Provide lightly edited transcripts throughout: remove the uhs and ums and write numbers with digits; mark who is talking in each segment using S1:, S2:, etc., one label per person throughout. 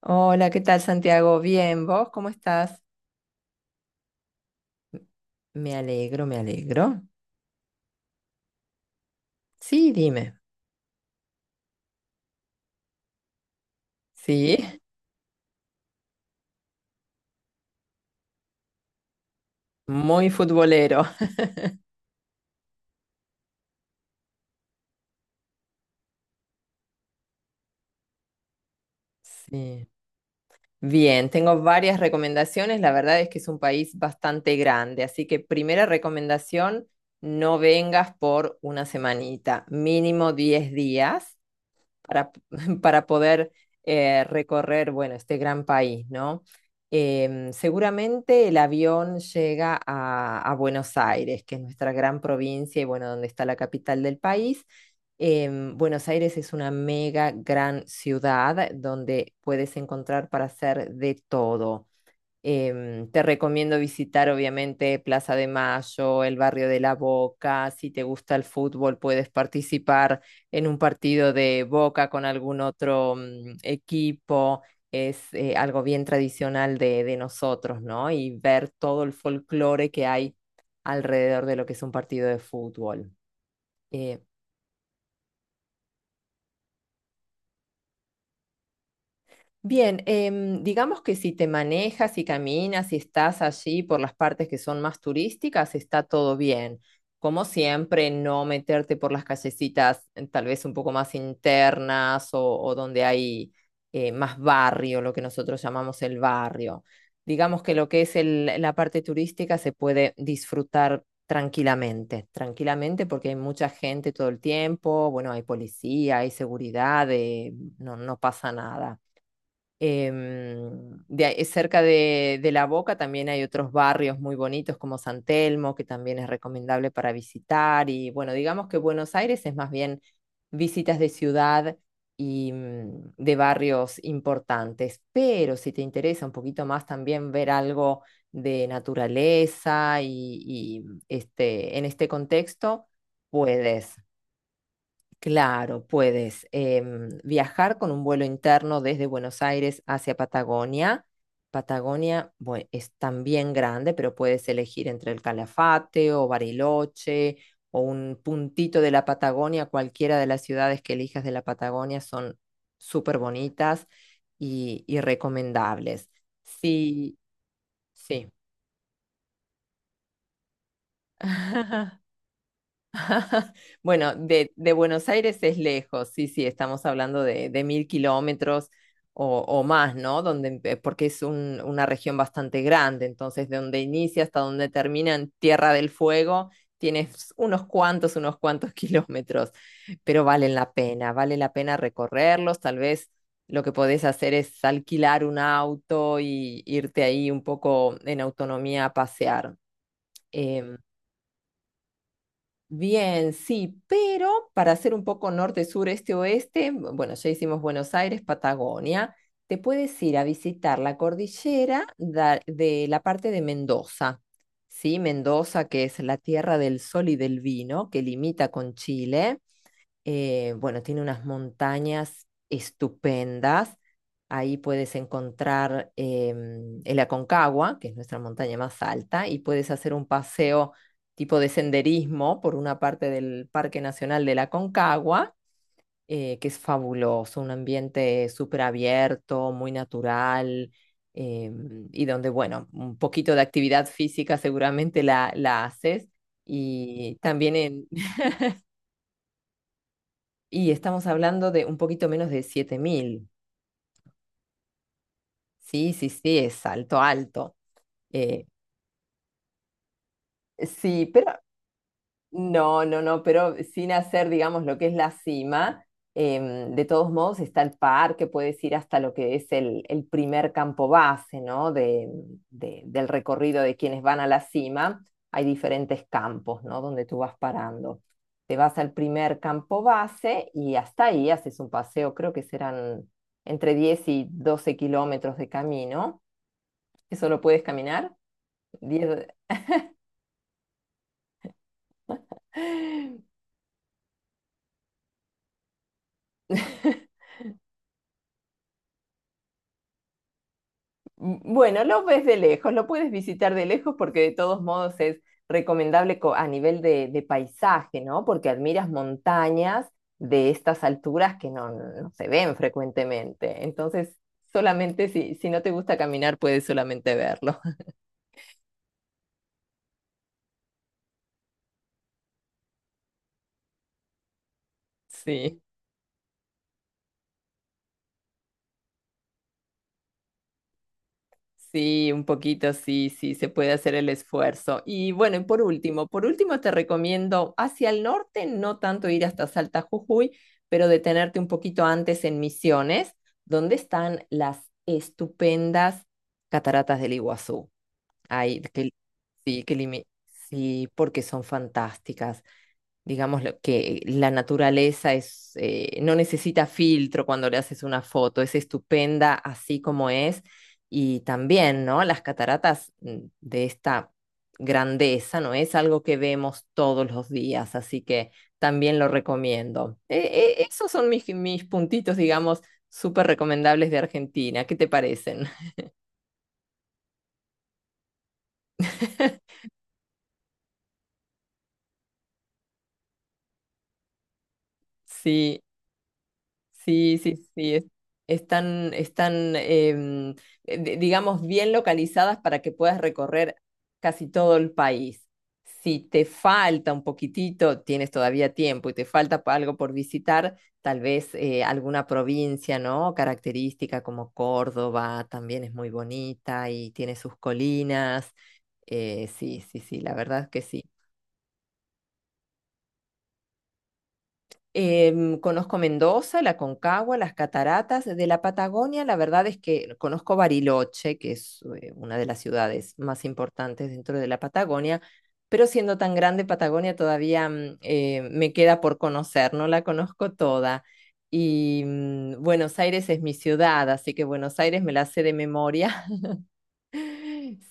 S1: Hola, ¿qué tal, Santiago? Bien, ¿vos cómo estás? Me alegro, me alegro. Sí, dime. Sí, muy futbolero. Sí. Bien, tengo varias recomendaciones. La verdad es que es un país bastante grande, así que primera recomendación, no vengas por una semanita, mínimo 10 días. Para, para poder recorrer, bueno, este gran país, ¿no? Seguramente el avión llega a Buenos Aires, que es nuestra gran provincia y bueno, donde está la capital del país. Buenos Aires es una mega gran ciudad, donde puedes encontrar para hacer de todo. Te recomiendo visitar, obviamente, Plaza de Mayo, el barrio de La Boca. Si te gusta el fútbol, puedes participar en un partido de Boca con algún otro equipo. Es algo bien tradicional de nosotros, ¿no? Y ver todo el folclore que hay alrededor de lo que es un partido de fútbol. Eh, Bien, digamos que si te manejas y caminas y estás allí por las partes que son más turísticas, está todo bien. Como siempre, no meterte por las callecitas, tal vez un poco más internas o donde hay más barrio, lo que nosotros llamamos el barrio. Digamos que lo que es la parte turística se puede disfrutar tranquilamente, tranquilamente porque hay mucha gente todo el tiempo, bueno, hay policía, hay seguridad, no pasa nada. Cerca de La Boca también hay otros barrios muy bonitos como San Telmo, que también es recomendable para visitar. Y bueno, digamos que Buenos Aires es más bien visitas de ciudad y de barrios importantes. Pero si te interesa un poquito más también ver algo de naturaleza este, en este contexto, puedes. Claro, puedes viajar con un vuelo interno desde Buenos Aires hacia Patagonia. Patagonia, es también grande, pero puedes elegir entre el Calafate o Bariloche o un puntito de la Patagonia. Cualquiera de las ciudades que elijas de la Patagonia son súper bonitas y recomendables. Sí, sí. Bueno, de Buenos Aires es lejos, sí, sí, estamos hablando de 1000 kilómetros o más, ¿no? Porque es una región bastante grande, entonces de donde inicia hasta donde termina en Tierra del Fuego, tienes unos cuantos kilómetros, pero valen la pena, vale la pena recorrerlos. Tal vez lo que podés hacer es alquilar un auto y irte ahí un poco en autonomía a pasear. em, Bien, sí, pero para hacer un poco norte, sur, este, oeste, bueno, ya hicimos Buenos Aires, Patagonia, te puedes ir a visitar la cordillera de la parte de Mendoza, ¿sí? Mendoza, que es la tierra del sol y del vino, que limita con Chile. Bueno, tiene unas montañas estupendas. Ahí puedes encontrar, el Aconcagua, que es nuestra montaña más alta, y puedes hacer un paseo tipo de senderismo por una parte del Parque Nacional del Aconcagua, que es fabuloso, un ambiente súper abierto, muy natural, y donde, bueno, un poquito de actividad física seguramente la haces. Y también en, Y estamos hablando de un poquito menos de 7000. Sí, sí, sí, es alto, alto. Eh, sí, pero no, no, no, pero sin hacer, digamos, lo que es la cima, de todos modos está el parque, puedes ir hasta lo que es el primer campo base, ¿no? Del recorrido de quienes van a la cima. Hay diferentes campos, ¿no? Donde tú vas parando. Te vas al primer campo base y hasta ahí haces un paseo, creo que serán entre 10 y 12 kilómetros de camino. ¿Eso lo puedes caminar? 10. Bueno, lo ves de lejos, lo puedes visitar de lejos porque de todos modos es recomendable, a nivel de paisaje, ¿no? Porque admiras montañas de estas alturas que no, no se ven frecuentemente. Entonces, solamente si no te gusta caminar, puedes solamente verlo. Sí. Sí, un poquito, sí, sí, se puede hacer el esfuerzo. Y bueno, y por último te recomiendo hacia el norte, no tanto ir hasta Salta Jujuy, pero detenerte un poquito antes en Misiones, donde están las estupendas cataratas del Iguazú. Ahí, que, sí, sí, porque son fantásticas, digamos, lo que la naturaleza es, no necesita filtro cuando le haces una foto, es estupenda así como es. Y también, ¿no? Las cataratas de esta grandeza, ¿no? Es algo que vemos todos los días, así que también lo recomiendo. Esos son mis puntitos, digamos, súper recomendables de Argentina. ¿Qué te parecen? Sí, sí, sí, sí, están, están, digamos, bien localizadas para que puedas recorrer casi todo el país. Si te falta un poquitito, tienes todavía tiempo y te falta algo por visitar, tal vez alguna provincia, ¿no? Característica como Córdoba, también es muy bonita y tiene sus colinas. Sí, sí, sí, la verdad que sí. Conozco Mendoza, la Concagua, las cataratas. De la Patagonia, la verdad es que conozco Bariloche, que es una de las ciudades más importantes dentro de la Patagonia, pero siendo tan grande Patagonia todavía me queda por conocer, no la conozco toda. Y Buenos Aires es mi ciudad, así que Buenos Aires me la sé de memoria.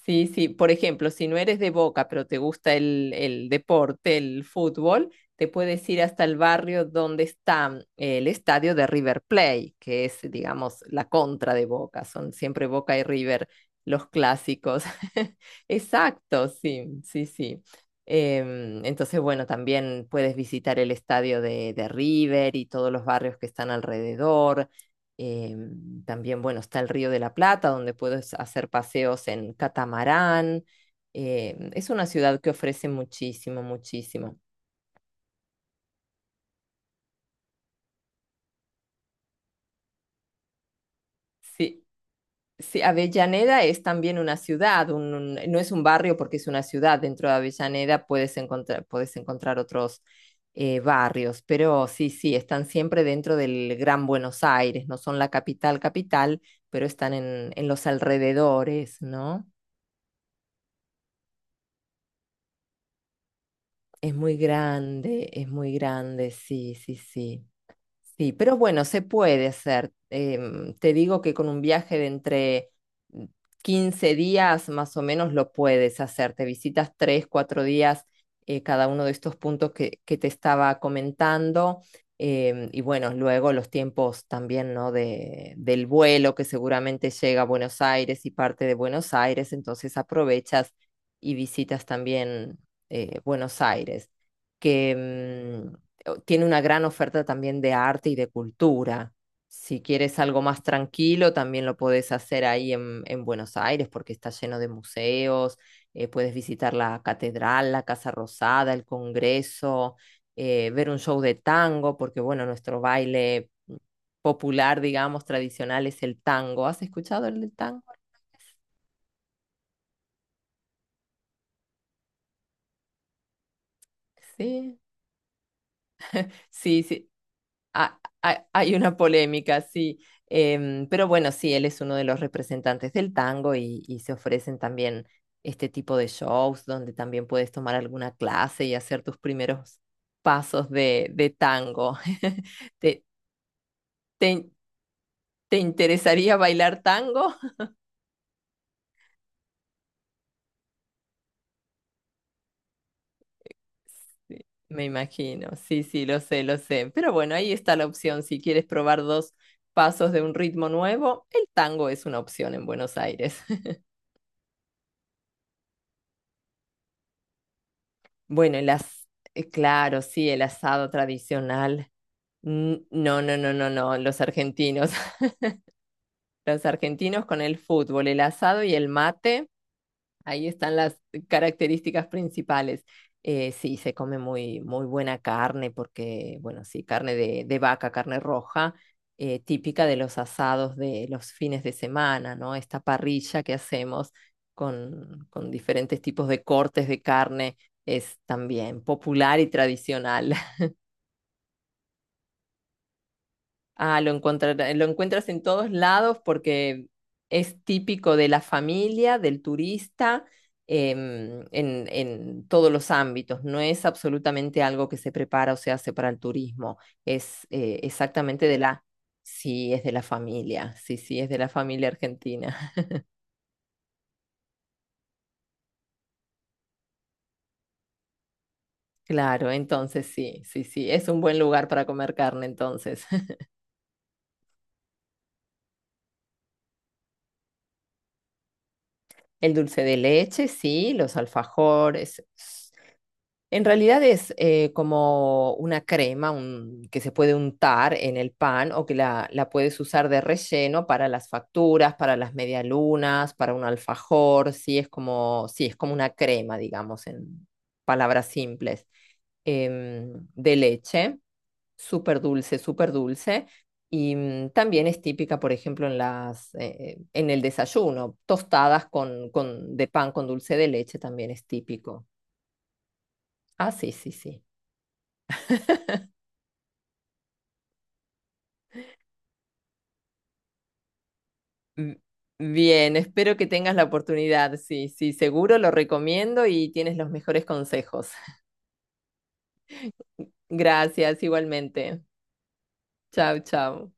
S1: Sí, sí. Por ejemplo, si no eres de Boca, pero te gusta el deporte, el fútbol, te puedes ir hasta el barrio donde está el estadio de River Plate, que es, digamos, la contra de Boca. Son siempre Boca y River los clásicos. Exacto, sí, sí, sí. Entonces, bueno, también puedes visitar el estadio de River y todos los barrios que están alrededor, eh, también, bueno, está el Río de la Plata, donde puedes hacer paseos en catamarán. Es una ciudad que ofrece muchísimo, muchísimo. Sí, sí, Avellaneda es también una ciudad, no es un barrio porque es una ciudad. Dentro de Avellaneda puedes encontrar otros barrios, pero sí, sí, están siempre dentro del Gran Buenos Aires, no son la capital, capital, pero están en los alrededores, ¿no? Es muy grande, sí, sí, sí. Sí, pero bueno, se puede hacer. Te digo que con un viaje de entre, mm, 15 días más o menos lo puedes hacer. Te visitas 3, 4 días, cada uno de estos puntos que te estaba comentando. Y bueno, luego los tiempos también, ¿no? Del vuelo que seguramente llega a Buenos Aires y parte de Buenos Aires, entonces aprovechas y visitas también, Buenos Aires que tiene una gran oferta también de arte y de cultura. Si quieres algo más tranquilo, también lo podés hacer ahí en Buenos Aires porque está lleno de museos, puedes visitar la catedral, la Casa Rosada, el Congreso, ver un show de tango, porque bueno, nuestro baile popular, digamos, tradicional es el tango. ¿Has escuchado el del tango alguna vez? Sí. Sí, sí. Hay una polémica, sí. Pero bueno, sí, él es uno de los representantes del tango y se ofrecen también este tipo de shows donde también puedes tomar alguna clase y hacer tus primeros pasos de tango. ¿Te, te, ¿te interesaría bailar tango? Sí, me imagino, sí, sí, lo sé, lo sé. Pero bueno, ahí está la opción. Si quieres probar dos pasos de un ritmo nuevo, el tango es una opción en Buenos Aires. Bueno, el as... claro, sí, el asado tradicional. No, no, no, no, no, los argentinos. Los argentinos con el fútbol, el asado y el mate. Ahí están las características principales. Sí, se come muy, muy buena carne porque, bueno, sí, carne de vaca, carne roja, típica de los asados de los fines de semana, ¿no? Esta parrilla que hacemos con diferentes tipos de cortes de carne es también popular y tradicional. Ah, lo encuentras en todos lados porque es típico de la familia, del turista, en todos los ámbitos. No es absolutamente algo que se prepara o se hace para el turismo. Es, exactamente de la... Sí, es de la familia. Sí, sí, es de la familia argentina. Claro, entonces sí, sí, sí. Es un buen lugar para comer carne, entonces. El dulce de leche, sí, los alfajores. En realidad es, como una crema, que se puede untar en el pan o que la puedes usar de relleno para las facturas, para las medialunas, para un alfajor. Sí, es como una crema, digamos, en palabras simples, de leche súper dulce, súper dulce. Y también es típica, por ejemplo, en las, en el desayuno, tostadas con, de pan con dulce de leche también es típico. Ah, sí, sí, sí. M- Bien, espero que tengas la oportunidad. Sí, sí, seguro lo recomiendo y tienes los mejores consejos. Gracias, igualmente. Chao, chao.